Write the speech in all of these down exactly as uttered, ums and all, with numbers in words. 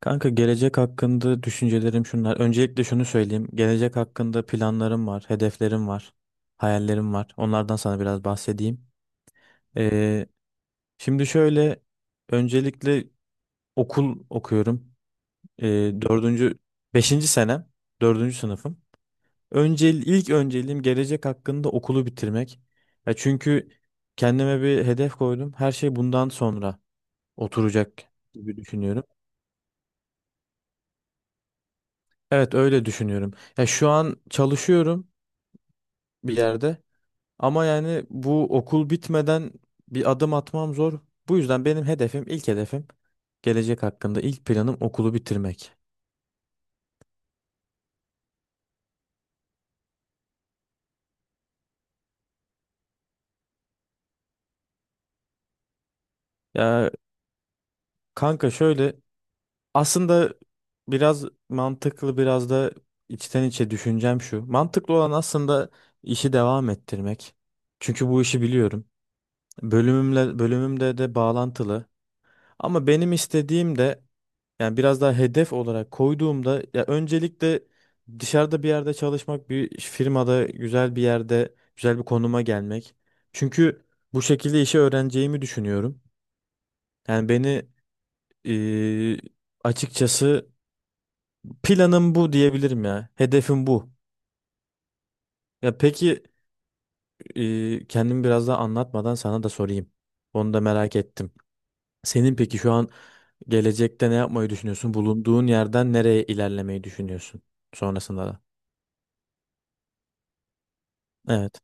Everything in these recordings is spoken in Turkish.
Kanka, gelecek hakkında düşüncelerim şunlar. Öncelikle şunu söyleyeyim. Gelecek hakkında planlarım var, hedeflerim var, hayallerim var. Onlardan sana biraz bahsedeyim. Ee, şimdi şöyle, öncelikle okul okuyorum. Ee, dördüncü, beşinci senem, dördüncü sınıfım. Önce, ilk önceliğim gelecek hakkında okulu bitirmek. Ya çünkü kendime bir hedef koydum. Her şey bundan sonra oturacak gibi düşünüyorum. Evet, öyle düşünüyorum. Ya şu an çalışıyorum, bir yerde. Ama yani bu okul bitmeden bir adım atmam zor. Bu yüzden benim hedefim, ilk hedefim, gelecek hakkında ilk planım okulu bitirmek. Ya kanka şöyle, aslında biraz mantıklı, biraz da içten içe düşüncem şu. Mantıklı olan aslında işi devam ettirmek. Çünkü bu işi biliyorum. Bölümümle bölümümde de bağlantılı. Ama benim istediğim de, yani biraz daha hedef olarak koyduğumda, ya öncelikle dışarıda bir yerde çalışmak, bir firmada güzel bir yerde, güzel bir konuma gelmek. Çünkü bu şekilde işi öğreneceğimi düşünüyorum. Yani beni eee, açıkçası planım bu diyebilirim ya. Hedefim bu. Ya peki, eee kendimi biraz daha anlatmadan sana da sorayım. Onu da merak ettim. Senin peki şu an gelecekte ne yapmayı düşünüyorsun? Bulunduğun yerden nereye ilerlemeyi düşünüyorsun sonrasında da? Evet.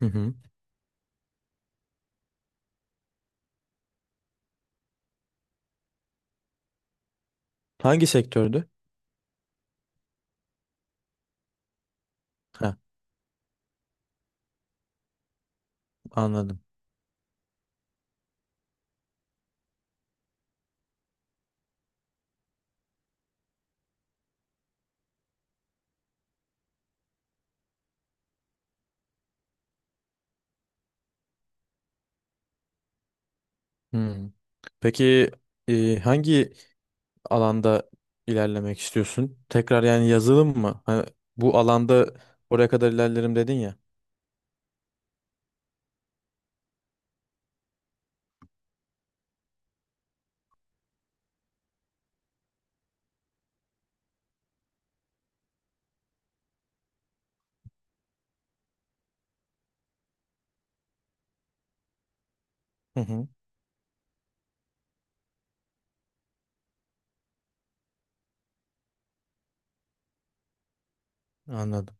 Hı hı. Hangi sektördü? Ha, anladım. Hmm. Peki, e, hangi alanda ilerlemek istiyorsun? Tekrar yani yazılım mı? Hani bu alanda oraya kadar ilerlerim dedin ya. Hı hı. Anladım.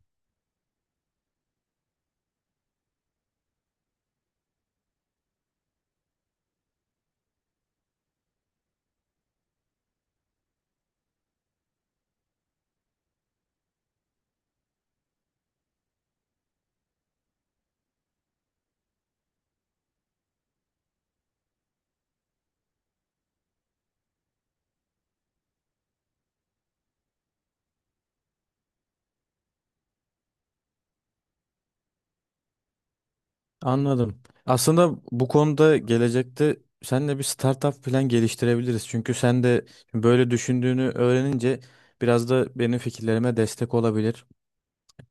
Anladım. Aslında bu konuda gelecekte seninle bir startup plan geliştirebiliriz. Çünkü sen de böyle düşündüğünü öğrenince biraz da benim fikirlerime destek olabilir.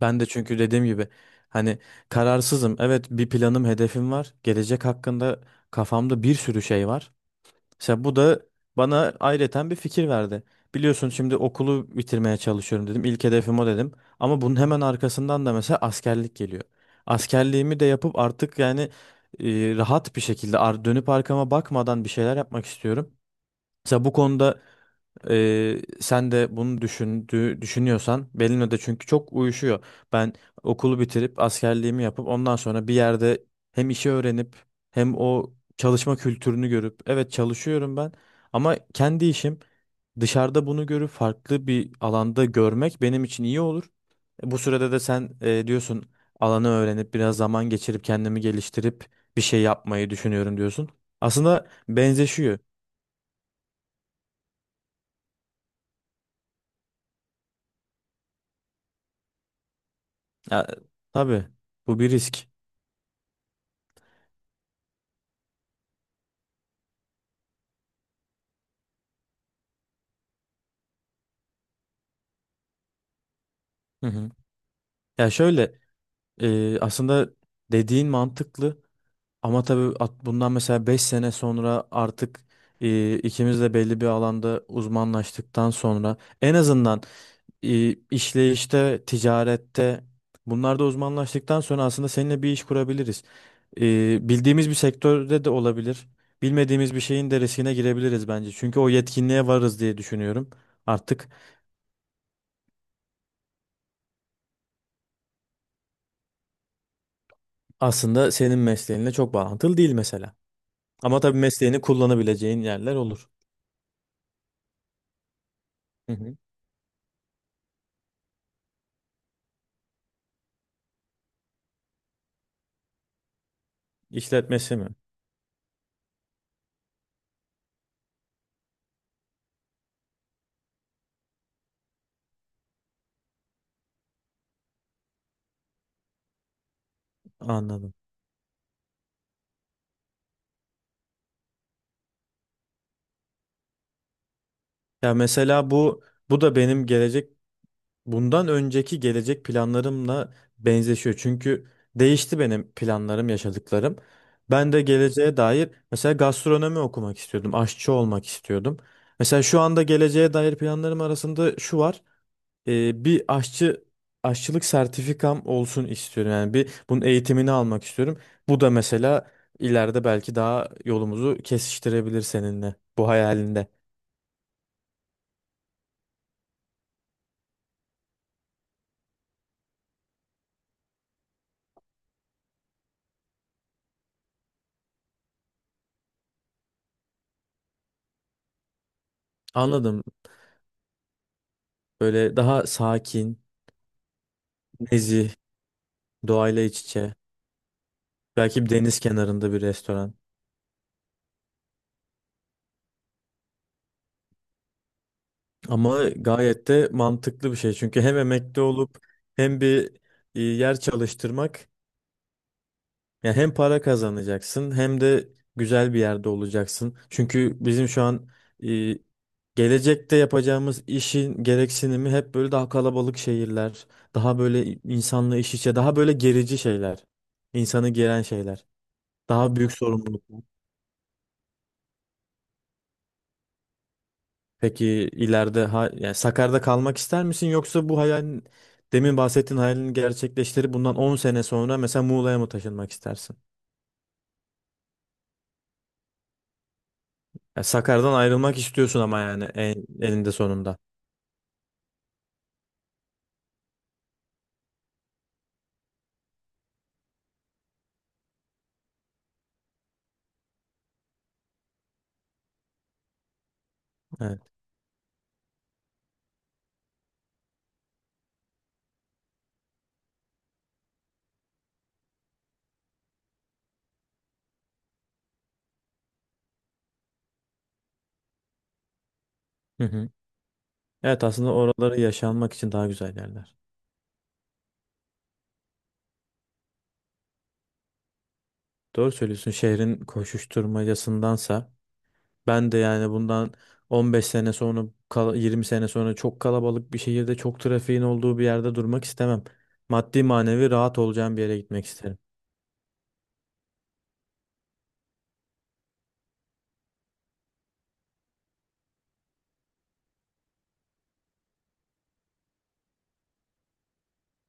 Ben de çünkü dediğim gibi, hani, kararsızım. Evet, bir planım, hedefim var. Gelecek hakkında kafamda bir sürü şey var. Mesela bu da bana ayrıca bir fikir verdi. Biliyorsun, şimdi okulu bitirmeye çalışıyorum dedim. İlk hedefim o dedim. Ama bunun hemen arkasından da mesela askerlik geliyor. Askerliğimi de yapıp artık yani e, rahat bir şekilde ar- dönüp arkama bakmadan bir şeyler yapmak istiyorum. Mesela bu konuda ee, sen de bunu düşündüğü düşünüyorsan Belino'da, çünkü çok uyuşuyor. Ben okulu bitirip askerliğimi yapıp ondan sonra bir yerde hem işi öğrenip hem o çalışma kültürünü görüp, evet çalışıyorum ben ama kendi işim, dışarıda bunu görüp farklı bir alanda görmek benim için iyi olur. E, Bu sürede de sen, e, diyorsun, alanı öğrenip biraz zaman geçirip kendimi geliştirip bir şey yapmayı düşünüyorum diyorsun. Aslında benzeşiyor. Ya, tabii bu bir risk. Hı hı. Ya şöyle, e, aslında dediğin mantıklı, ama tabii at- bundan mesela beş sene sonra artık, e, ikimiz de belli bir alanda uzmanlaştıktan sonra, en azından e, işleyişte, ticarette, bunlarda uzmanlaştıktan sonra aslında seninle bir iş kurabiliriz. E, bildiğimiz bir sektörde de olabilir. Bilmediğimiz bir şeyin de riskine girebiliriz bence. Çünkü o yetkinliğe varız diye düşünüyorum. Artık aslında senin mesleğinle çok bağlantılı değil mesela. Ama tabii mesleğini kullanabileceğin yerler olur. Hı hı. İşletmesi mi? Anladım. Ya mesela bu bu da benim gelecek, bundan önceki gelecek planlarımla benzeşiyor. Çünkü değişti benim planlarım, yaşadıklarım. Ben de geleceğe dair mesela gastronomi okumak istiyordum, aşçı olmak istiyordum. Mesela şu anda geleceğe dair planlarım arasında şu var. E, bir aşçı Aşçılık sertifikam olsun istiyorum. Yani bir bunun eğitimini almak istiyorum. Bu da mesela ileride belki daha yolumuzu kesiştirebilir seninle, bu hayalinde. Anladım. Böyle daha sakin, nezih, doğayla iç içe. Belki bir deniz kenarında bir restoran. Ama gayet de mantıklı bir şey. Çünkü hem emekli olup hem bir, e, yer çalıştırmak. Ya hem para kazanacaksın hem de güzel bir yerde olacaksın. Çünkü bizim şu an, e, gelecekte yapacağımız işin gereksinimi hep böyle daha kalabalık şehirler, daha böyle insanla iş içe, daha böyle gerici şeyler, insanı geren şeyler, daha büyük sorumluluklar. Peki ileride, ha, yani Sakarya'da kalmak ister misin, yoksa bu hayal, demin bahsettiğin hayalini gerçekleştirip bundan on sene sonra mesela Muğla'ya mı taşınmak istersin? Ya Sakarya'dan ayrılmak istiyorsun ama yani en, elinde sonunda. Evet. Hı hı. Evet, aslında oraları yaşanmak için daha güzel yerler. Doğru söylüyorsun. Şehrin koşuşturmacasındansa ben de, yani, bundan on beş sene sonra, kal- yirmi sene sonra çok kalabalık bir şehirde, çok trafiğin olduğu bir yerde durmak istemem. Maddi manevi rahat olacağım bir yere gitmek isterim.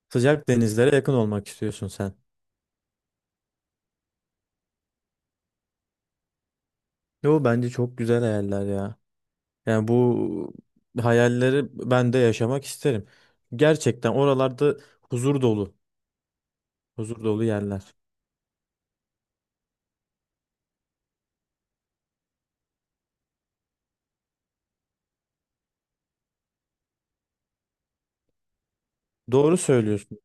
Sıcak denizlere yakın olmak istiyorsun sen. Yo, bence çok güzel hayaller ya. Yani bu hayalleri ben de yaşamak isterim. Gerçekten oralarda huzur dolu, huzur dolu yerler. Doğru söylüyorsun.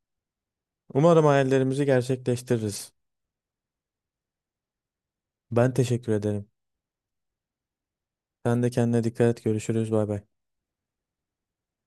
Umarım hayallerimizi gerçekleştiririz. Ben teşekkür ederim. Sen de kendine dikkat et. Görüşürüz. Bay bay.